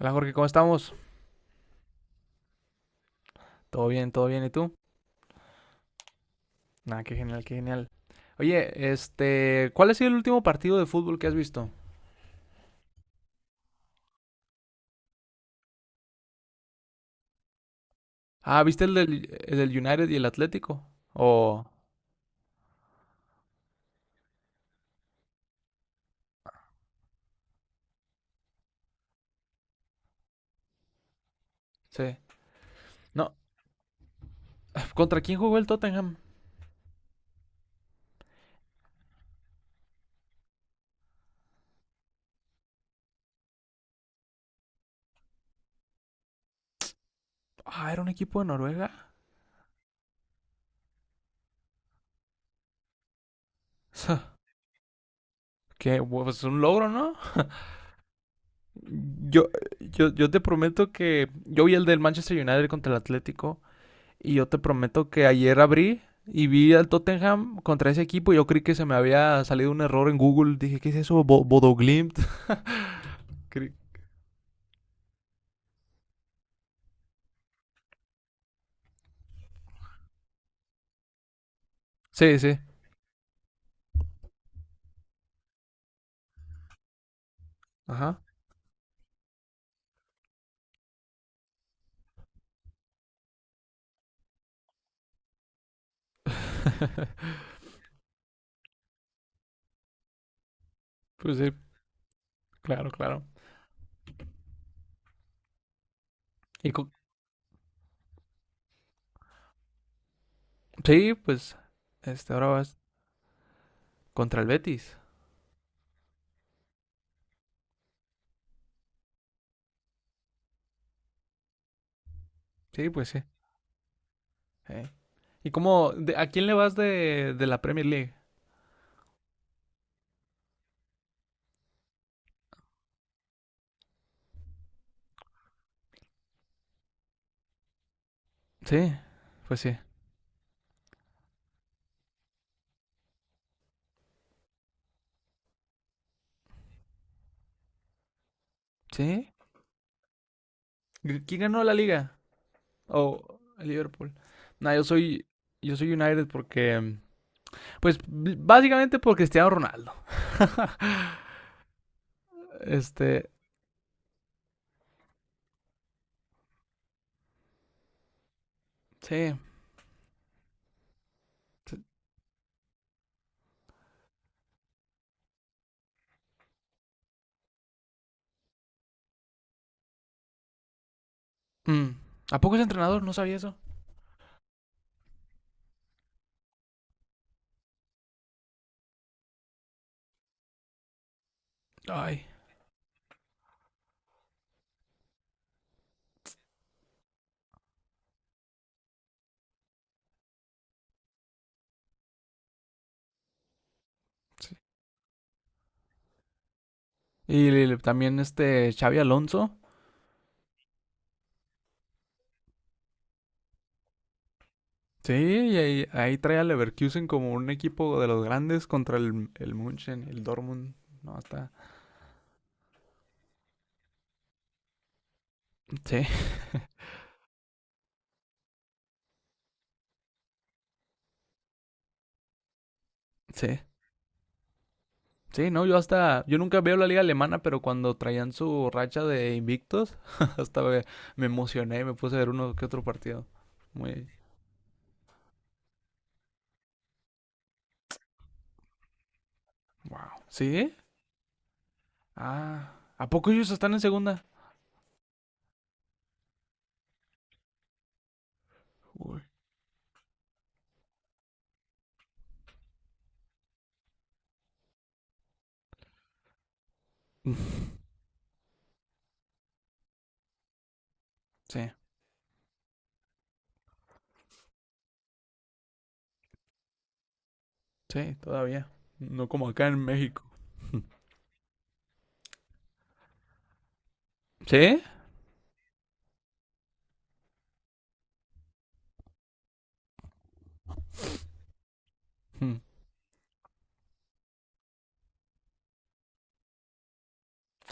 Hola Jorge, ¿cómo estamos? Todo bien, ¿y tú? Ah, qué genial, qué genial. Oye, ¿cuál ha sido el último partido de fútbol que has visto? Ah, ¿viste el del United y el Atlético? O, sí. No, ¿contra quién jugó el Tottenham? Ah, era un equipo de Noruega. Qué, pues un logro, ¿no? Yo, yo te prometo que yo vi el del Manchester United contra el Atlético. Y yo te prometo que ayer abrí y vi al Tottenham contra ese equipo. Y yo creí que se me había salido un error en Google. Dije, ¿qué es eso? Bodoglimt. Sí, sí. Ajá. Pues sí, claro, claro. Y co- sí, pues ahora vas contra el Betis. Sí, pues sí. Eh. ¿Y a quién le vas de la Premier League? Sí, pues sí. ¿Sí? ¿Y quién ganó la liga? O el Liverpool. No, yo soy United porque pues básicamente por Cristiano Ronaldo. Este, sí. Mm. ¿A poco es entrenador? No sabía eso. Ay. Y también Xavi Alonso. Sí, y ahí trae a Leverkusen como un equipo de los grandes contra el Munchen, el Dortmund. No, hasta. Sí, sí. Sí, no, yo hasta. Yo nunca veo la liga alemana, pero cuando traían su racha de invictos, hasta me emocioné, me puse a ver uno que otro partido. Muy. Wow. ¿Sí? Ah. ¿A poco ellos están en segunda? Uy. Sí, sí, todavía. No como acá en México. ¿Sí? Mm.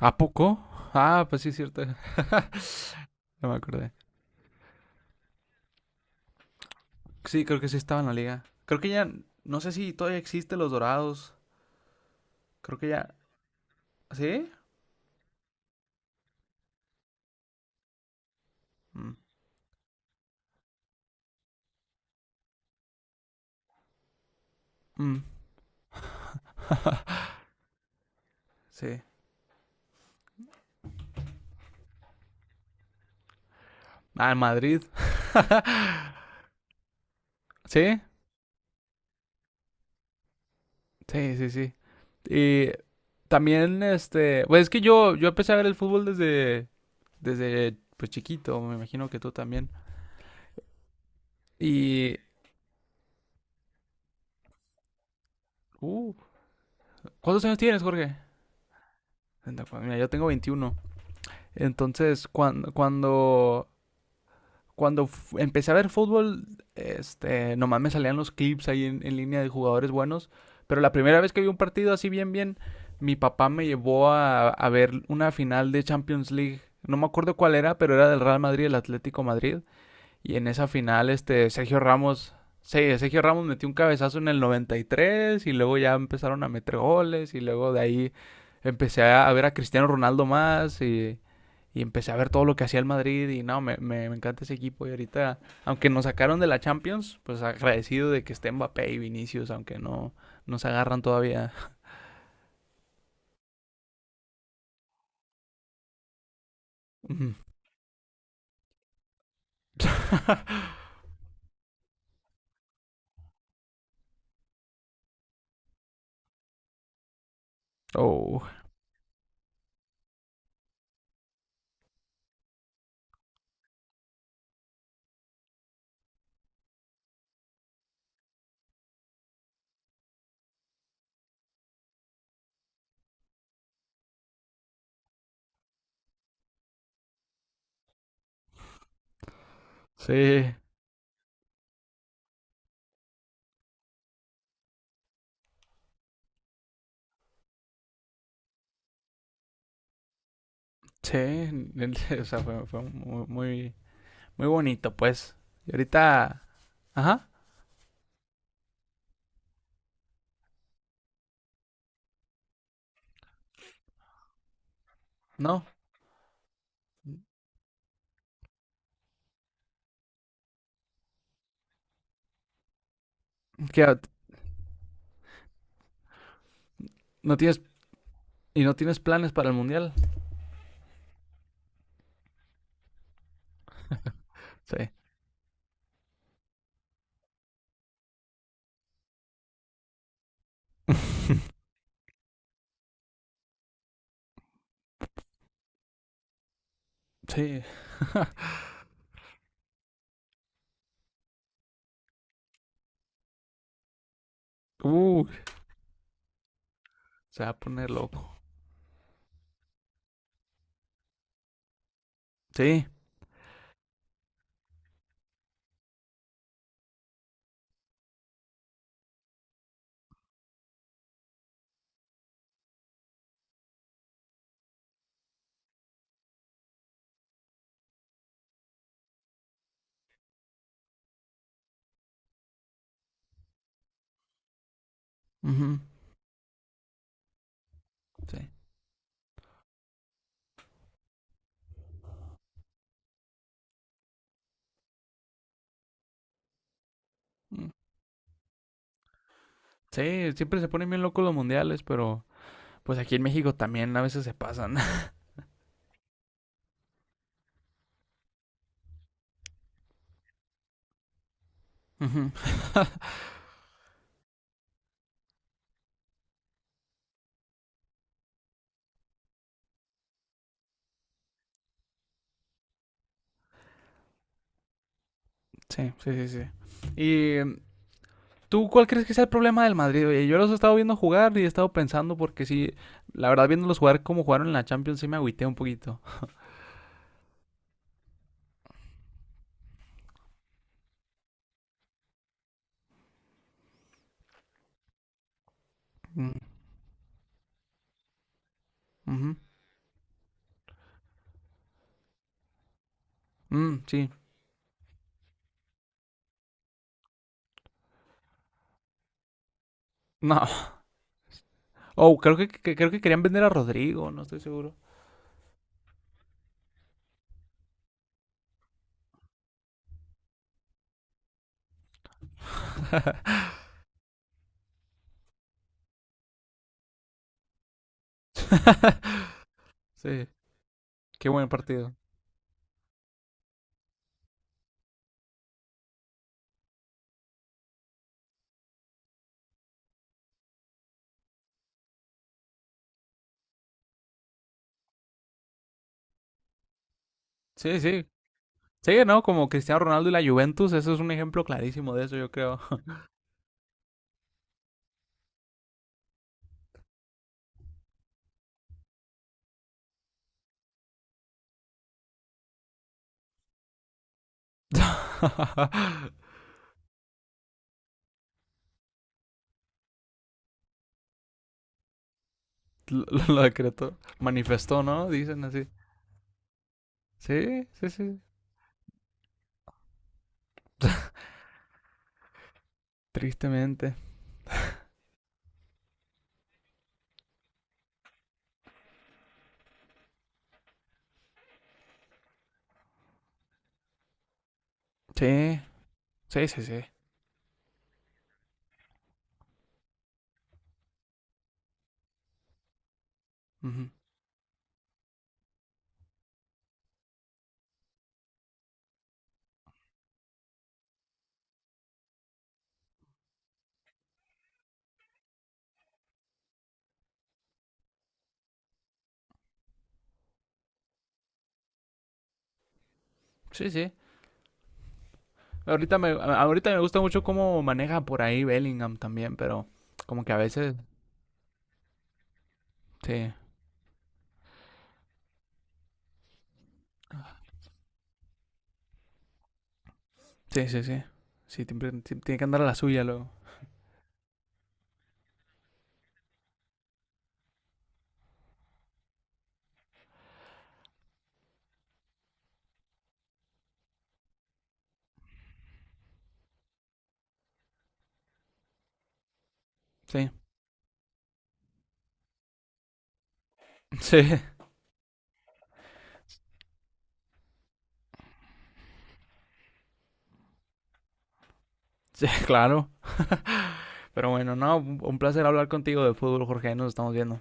¿A poco? Ah, pues sí, es cierto. No me acordé. Sí, creo que sí estaba en la liga. Creo que ya. No sé si todavía existe los Dorados. Creo que ya. ¿Sí? Mm, mm, sí. Ah, en Madrid. ¿Sí? Sí, sí, sí. Y también. Pues es que yo empecé a ver el fútbol desde pues chiquito. Me imagino que tú también. Y. Uh, ¿cuántos años tienes, Jorge? Mira, yo tengo 21. Entonces, cuando empecé a ver fútbol, nomás me salían los clips ahí en línea de jugadores buenos. Pero la primera vez que vi un partido así bien, bien, mi papá me llevó a ver una final de Champions League. No me acuerdo cuál era, pero era del Real Madrid, el Atlético Madrid. Y en esa final, sí, Sergio Ramos metió un cabezazo en el 93 y tres y luego ya empezaron a meter goles, y luego de ahí empecé a ver a Cristiano Ronaldo más y empecé a ver todo lo que hacía el Madrid y no, me encanta ese equipo. Y ahorita, aunque nos sacaron de la Champions, pues agradecido de que esté Mbappé y Vinicius, aunque no, no se agarran todavía. Oh, sí, sí, o sea, fue muy, muy bonito pues. Y ahorita, ajá, no, ¿qué? ¿No tienes, ¿Y no tienes planes para el mundial? Sí. Sí. Uh, se va a poner loco. Sí. Ujú. Sí. Mm. Sí, siempre se ponen bien locos los mundiales, pero pues aquí en México también a veces se pasan. Ujú. Sí, sí, sí, sí. ¿Y tú cuál crees que sea el problema del Madrid? Oye, yo los he estado viendo jugar y he estado pensando, porque sí, la verdad viéndolos jugar como jugaron en la Champions sí me agüité un poquito. Mm, ujú. Mm, sí. No. Oh, creo que querían vender a Rodrigo, no estoy seguro. Sí, qué buen partido. Sí, sí. Sí, ¿no? Como Cristiano Ronaldo y la Juventus, eso es un ejemplo clarísimo de eso, yo creo. Lo decretó, manifestó, ¿no? Dicen así. Sí, sí, sí. Tristemente. Sí, sí, sí, sí. Ujú. Sí, sí. Ahorita me gusta mucho cómo maneja por ahí Bellingham también, pero como que a veces. Sí, sí, sí, sí. Sí, sí, tiene que andar a la suya luego. Sí, sí, sí, claro. Pero bueno, no, un placer hablar contigo de fútbol, Jorge. Nos estamos viendo.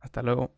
Hasta luego.